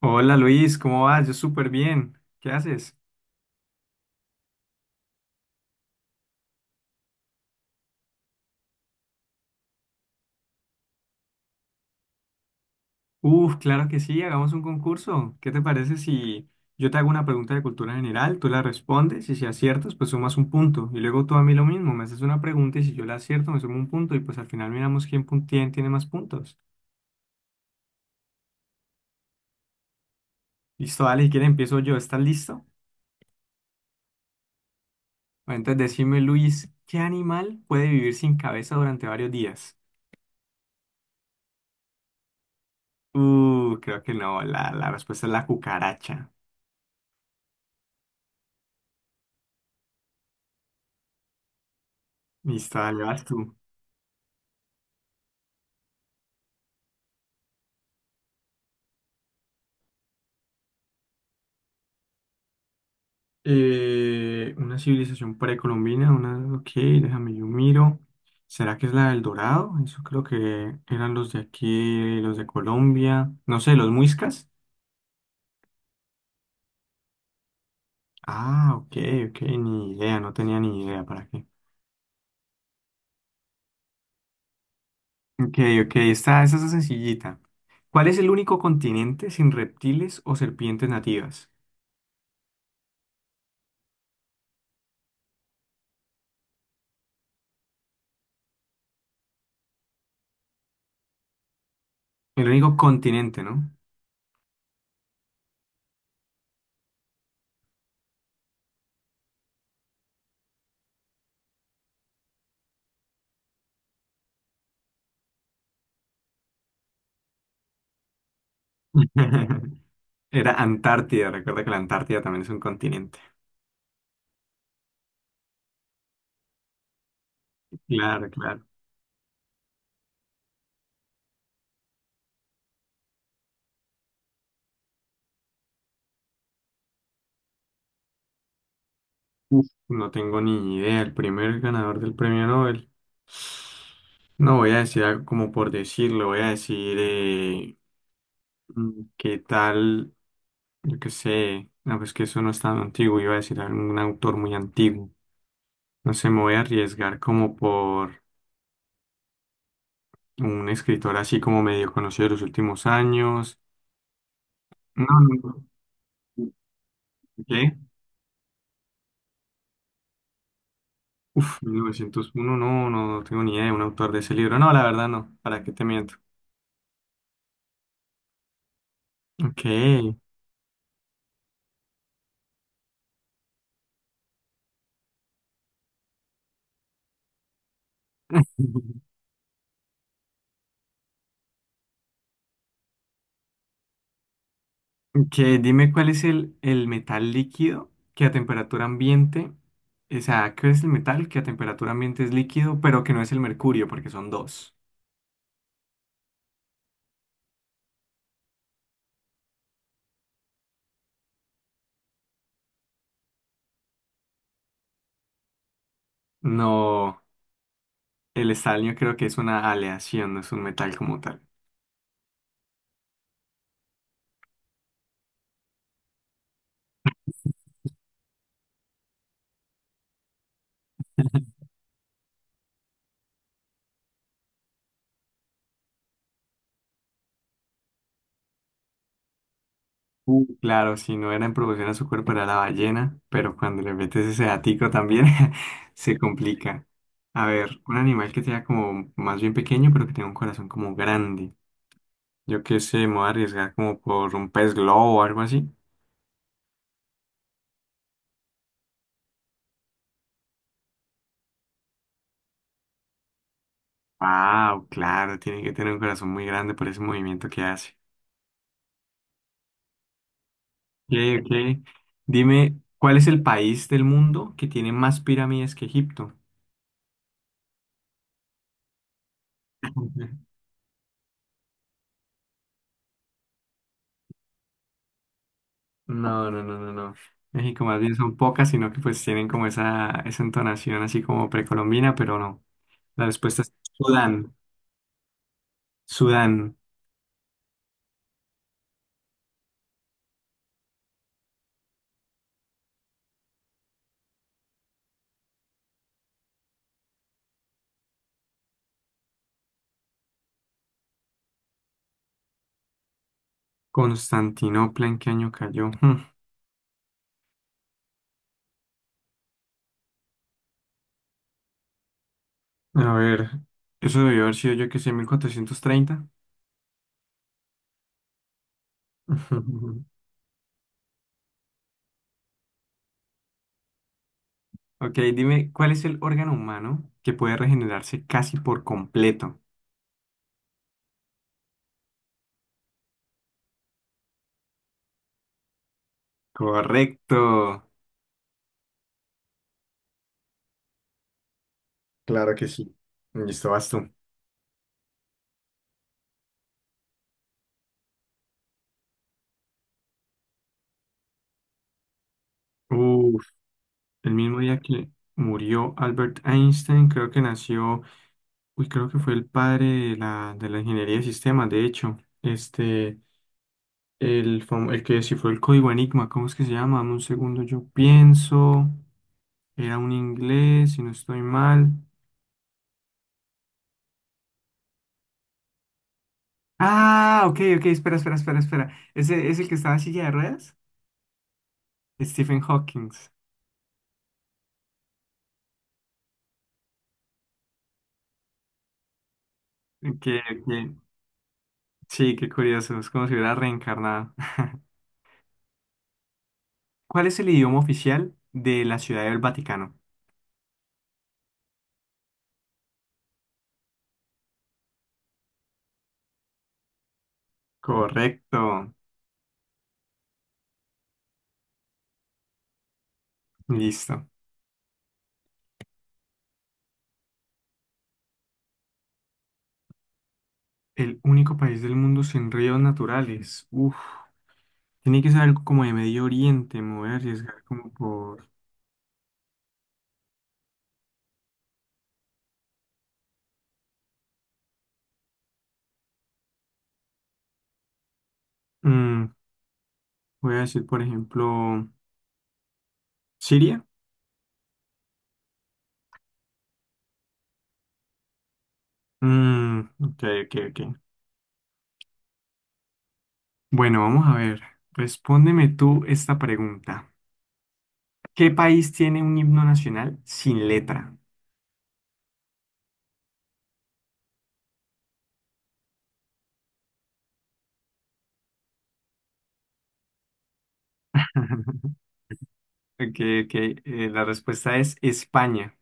Hola Luis, ¿cómo vas? Yo súper bien. ¿Qué haces? Uf, claro que sí, hagamos un concurso. ¿Qué te parece si yo te hago una pregunta de cultura general, tú la respondes y si aciertas, pues sumas un punto? Y luego tú a mí lo mismo, me haces una pregunta y si yo la acierto, me sumo un punto y pues al final miramos quién, quién tiene más puntos. Listo, dale, si quieres empiezo yo, ¿estás listo? Bueno, entonces decime Luis, ¿qué animal puede vivir sin cabeza durante varios días? Creo que no, la respuesta es la cucaracha. Listo, dale, vas tú. Una civilización precolombina, ok, déjame yo miro. ¿Será que es la del Dorado? Eso creo que eran los de aquí, los de Colombia. No sé, los muiscas. Ah, ok, ok, ni idea, no tenía ni idea para qué. Ok, ok, esta es sencillita. ¿Cuál es el único continente sin reptiles o serpientes nativas? El único continente, ¿no? Era Antártida, recuerda que la Antártida también es un continente. Claro, claro. Uf, no tengo ni idea. El primer ganador del premio Nobel. No voy a decir algo como por decirlo. Voy a decir qué tal, yo qué sé. No, pues que eso no es tan antiguo. Iba a decir algún autor muy antiguo. No sé, me voy a arriesgar como por un escritor así como medio conocido de los últimos años. No, no, no. ¿Qué? Uf, 1901, no, no, no tengo ni idea de un autor de ese libro. No, la verdad no. ¿Para qué te miento? Ok. Que dime cuál es el metal líquido que a temperatura ambiente, o sea, ¿qué es el metal que a temperatura ambiente es líquido, pero que no es el mercurio, porque son dos? No, el estaño creo que es una aleación, no es un metal como tal. Claro, si no era en proporción a su cuerpo era la ballena, pero cuando le metes ese datico también se complica. A ver, un animal que sea como más bien pequeño, pero que tenga un corazón como grande. Yo qué sé, me voy a arriesgar como por un pez globo o algo así. Wow, claro, tiene que tener un corazón muy grande por ese movimiento que hace. Ok, ok. Dime, ¿cuál es el país del mundo que tiene más pirámides que Egipto? No, no, no, no, no. México más bien son pocas, sino que pues tienen como esa, entonación así como precolombina, pero no. La respuesta es Sudán. Sudán. Constantinopla, ¿en qué año cayó? A ver, eso debió haber sido yo que sé, 1430. Ok, dime, ¿cuál es el órgano humano que puede regenerarse casi por completo? Correcto. Claro que sí. Listo, vas tú. Uf, el mismo día que murió Albert Einstein, creo que nació, uy, creo que fue el padre de la ingeniería de sistemas, de hecho. Este, el que descifró el código Enigma, ¿cómo es que se llama? Dame un segundo, yo pienso. Era un inglés, si no estoy mal. Ah, ok, ok, espera, espera, espera, espera. ¿Ese es el que estaba en silla de ruedas? Stephen Hawking. Que, que- sí, qué curioso. Es como si hubiera reencarnado. ¿Cuál es el idioma oficial de la Ciudad del Vaticano? Correcto. Listo. El único país del mundo sin ríos naturales. Uf. Tiene que ser algo como de Medio Oriente. Me voy a arriesgar como por... mm, voy a decir, por ejemplo, Siria. Mm, ok, ok, ok. Bueno, vamos a ver. Respóndeme tú esta pregunta. ¿Qué país tiene un himno nacional sin letra? Ok, ok. La respuesta es España.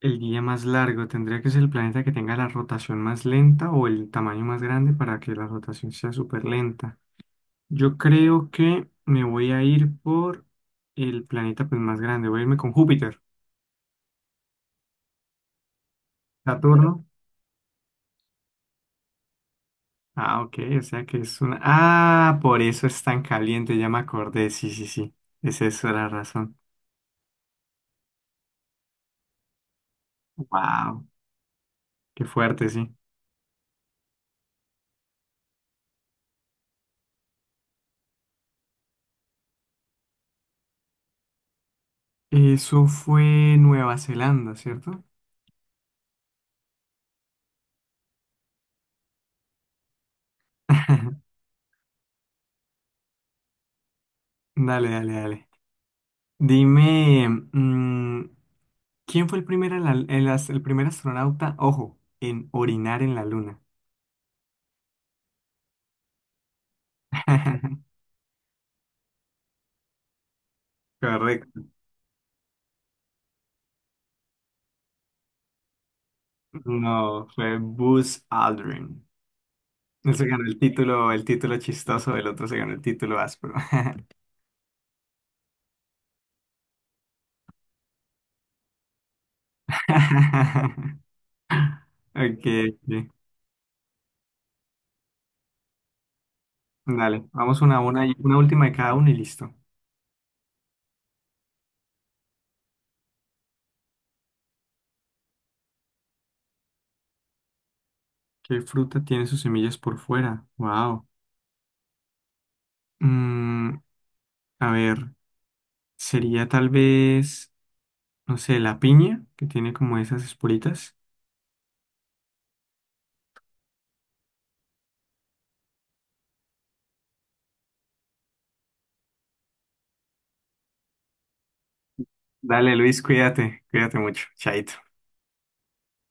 El día más largo tendría que ser el planeta que tenga la rotación más lenta o el tamaño más grande para que la rotación sea súper lenta. Yo creo que me voy a ir por el planeta pues, más grande. Voy a irme con Júpiter. Saturno. Ah, ok. O sea que es una... Ah, por eso es tan caliente. Ya me acordé. Sí, sí, sí. Esa es la razón. Wow. Qué fuerte, sí. Eso fue Nueva Zelanda, ¿cierto? Dale, dale, dale. Dime, ¿quién fue el primer, en la- el as- el primer astronauta, ojo, en orinar en la luna? Correcto. No, fue Buzz Aldrin. Él se ganó el título chistoso, el otro se ganó el título áspero. Ok, ok. Dale, vamos una a una, y una última de cada uno y listo. ¿Qué fruta tiene sus semillas por fuera? Wow. Mm, a ver, sería tal vez. No sé, la piña, que tiene como esas esporitas. Dale, Luis, cuídate, cuídate mucho, chaito.